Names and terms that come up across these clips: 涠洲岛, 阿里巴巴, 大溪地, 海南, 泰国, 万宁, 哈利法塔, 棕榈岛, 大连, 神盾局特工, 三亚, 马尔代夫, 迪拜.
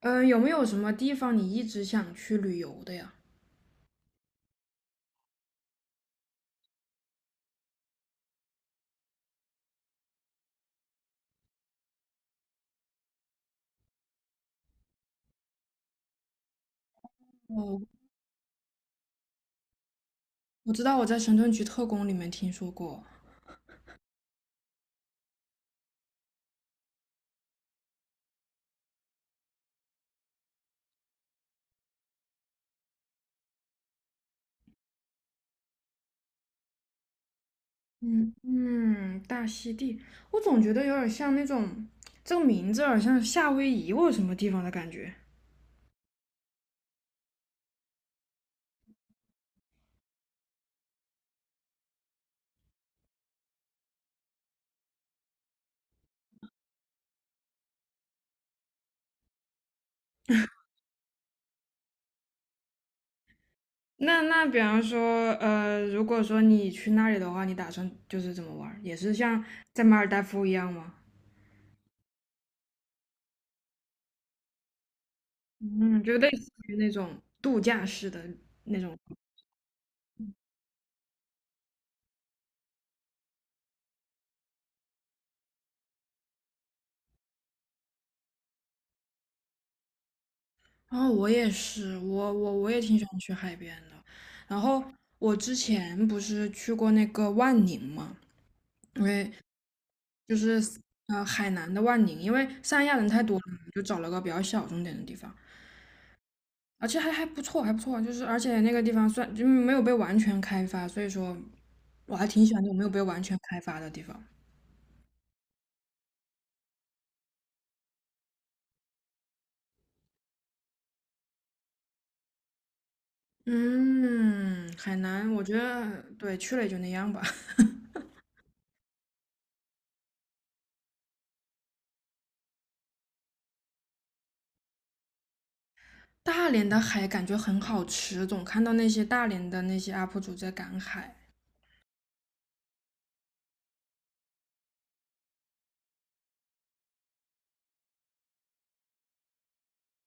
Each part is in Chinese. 嗯，有没有什么地方你一直想去旅游的呀？我我知道我在神盾局特工里面听说过。嗯嗯，大溪地，我总觉得有点像那种，这个名字有点像夏威夷或者什么地方的感觉。那比方说，如果说你去那里的话，你打算就是怎么玩儿也是像在马尔代夫一样吗？嗯，就类似于那种度假式的那种。然后我也是，我也挺喜欢去海边的。然后我之前不是去过那个万宁嘛，因为就是呃海南的万宁，因为三亚人太多了嘛就找了个比较小众点的地方，而且还不错，还不错。就是而且那个地方算就没有被完全开发，所以说我还挺喜欢那种没有被完全开发的地方。嗯，海南我觉得对去了也就那样吧。大连的海感觉很好吃，总看到那些大连的那些 UP 主在赶海。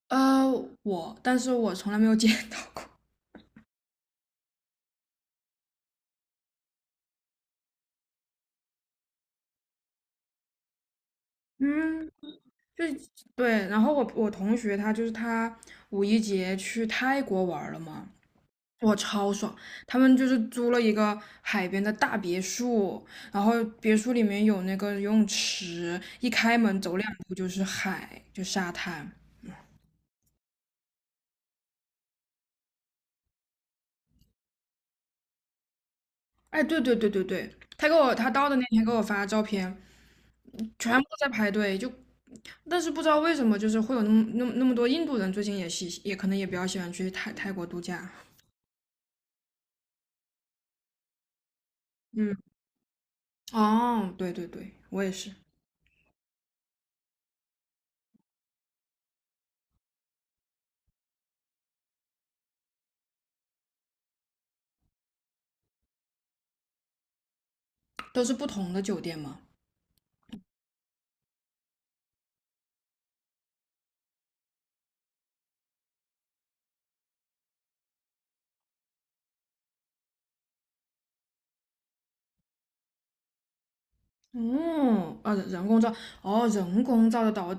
呃，我，但是我从来没有 见到过。嗯，就对。然后我同学他就是他五一节去泰国玩了嘛，我超爽。他们就是租了一个海边的大别墅，然后别墅里面有那个游泳池，一开门走两步就是海，就沙滩。哎，对对对对对，他给我他到的那天给我发照片，全部都在排队，就但是不知道为什么，就是会有那么多印度人，最近也喜也可能也比较喜欢去泰国度假。嗯，哦，对对对，我也是，都是不同的酒店嘛。哦，啊，人工造，哦，人工造的岛，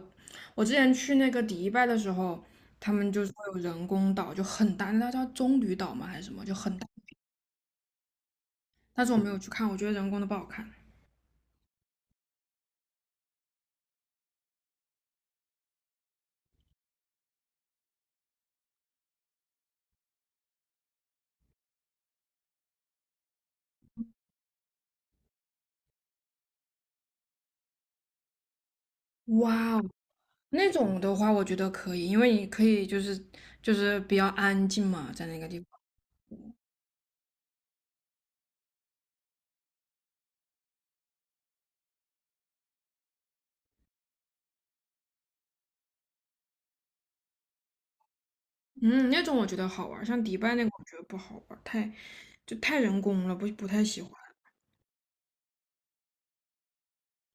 我之前去那个迪拜的时候，他们就是会有人工岛，就很大，那叫棕榈岛吗还是什么，就很大，但是我没有去看，我觉得人工的不好看。哇哦，那种的话，我觉得可以，因为你可以就是就是比较安静嘛，在那个地方。嗯，那种我觉得好玩儿，像迪拜那个我觉得不好玩儿，太就太人工了，不太喜欢。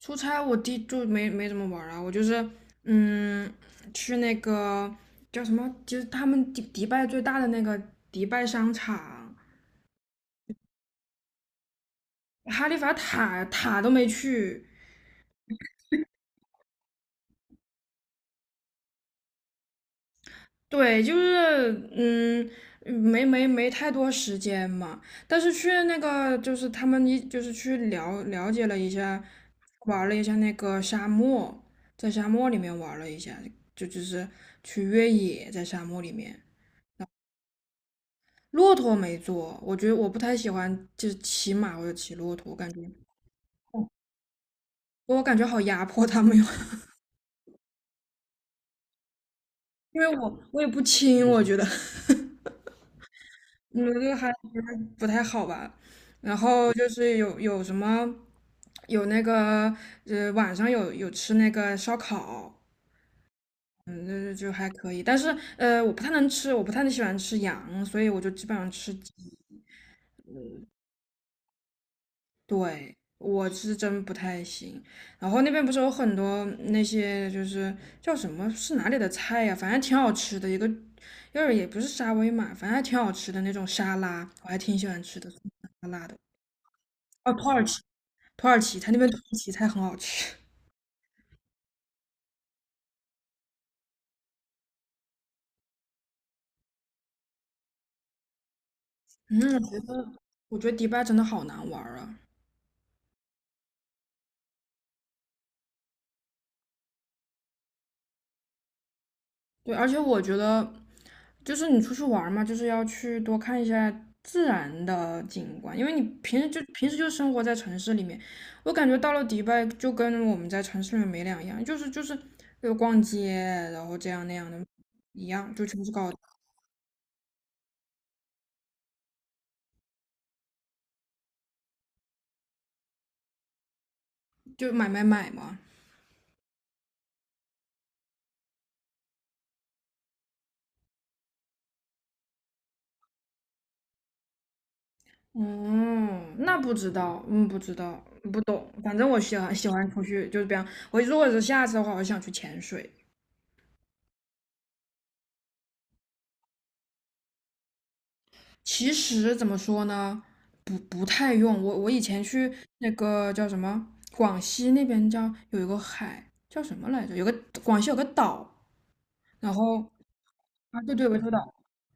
出差我弟就没怎么玩儿啊，我就是嗯去那个叫什么，就是他们迪拜最大的那个迪拜商场，哈利法塔塔都没去，对，就是嗯，没太多时间嘛，但是去那个就是他们一就是去了了解了一下，玩了一下那个沙漠，在沙漠里面玩了一下，就就是去越野在沙漠里面，骆驼没坐，我觉得我不太喜欢就是骑马或者骑骆驼，我感觉哦我感觉好压迫他们哟，因为我也不轻，我觉得。嗯，这个还不是不太好吧？然后就是有什么，有那个晚上有吃那个烧烤，嗯，就是就还可以。但是我不太能吃，我不太喜欢吃羊，所以我就基本上吃鸡。对，我是真不太行。然后那边不是有很多那些就是叫什么是哪里的菜呀、反正挺好吃的，一个就是也不是沙威玛，反正还挺好吃的那种沙拉，我还挺喜欢吃的，酸辣的。哦，土耳其。土耳其，它那边土耳其菜很好吃。嗯，我觉得我觉得迪拜真的好难玩儿啊。对，而且我觉得就是你出去玩儿嘛，就是要去多看一下自然的景观，因为你平时就平时就生活在城市里面，我感觉到了迪拜就跟我们在城市里面没两样，就是就逛街，然后这样那样的一样，就全是高，就买买买嘛。嗯，那不知道，嗯，不知道，不懂。反正我喜欢出去，就是比方我如果是下次的话，我想去潜水。其实怎么说呢，不太用。我以前去那个叫什么，广西那边叫有一个海叫什么来着？有个广西有个岛，然后啊，对对，涠洲岛。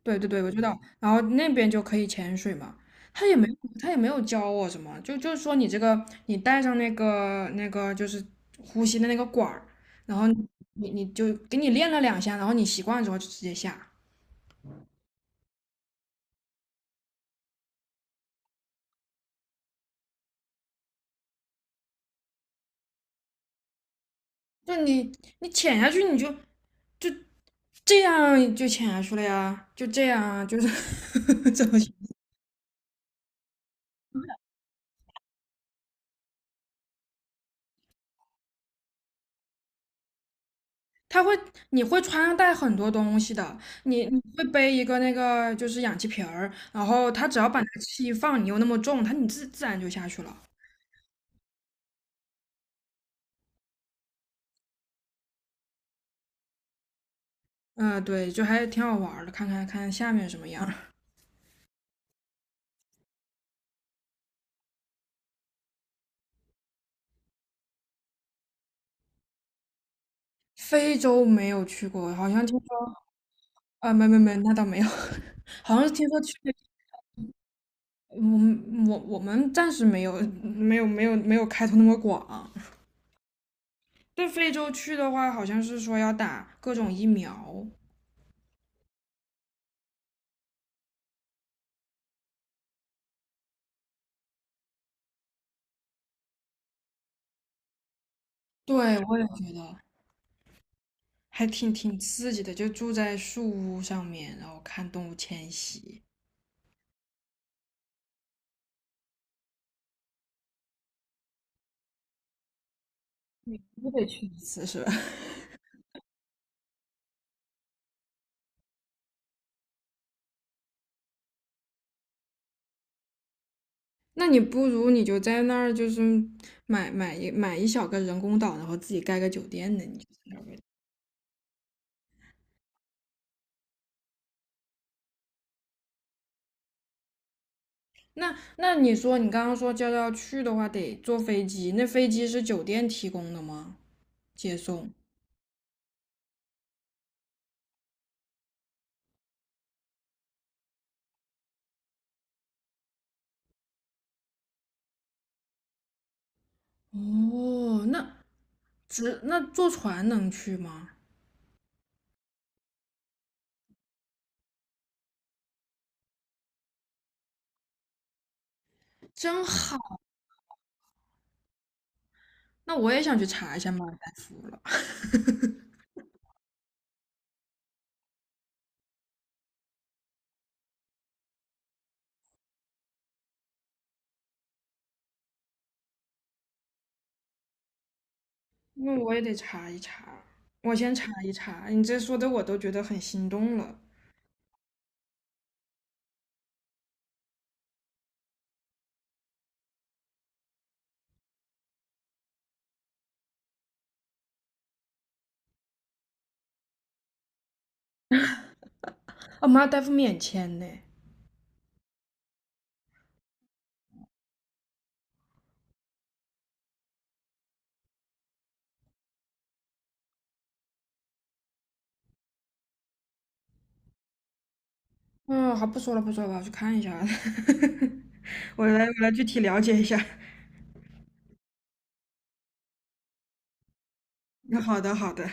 对对对，我知道。然后那边就可以潜水嘛，他也没有教我什么，就就是说你这个你带上那个就是呼吸的那个管儿，然后你就给你练了两下，然后你习惯了之后就直接下。就你你潜下去就这样就潜下去了呀，就这样啊，就是 怎么去？他会你会穿戴很多东西的，你会背一个那个就是氧气瓶儿，然后他只要把那个气一放，你又那么重，他你自然就下去了。嗯，对，就还挺好玩儿的，看看下面什么样儿非洲没有去过，好像听说啊，没，那倒没有，好像是听说去，我们暂时没有开拓那么广。对非洲去的话，好像是说要打各种疫苗。对，我也觉得还挺刺激的，就住在树屋上面，然后看动物迁徙，你得去一次是吧？那你不如你就在那儿，就是买一小个人工岛，然后自己盖个酒店呢。你那那你说你刚刚说就要去的话，得坐飞机，那飞机是酒店提供的吗？接送？哦，那只那坐船能去吗？真好，那我也想去查一下马尔代夫了。那我也得查一查，我先查一查。你这说的我都觉得很心动了。哦，马尔代夫免签呢？嗯，好，不说了，不说了，我要去看一下。我来，我来具体了解一下。那好的，好的。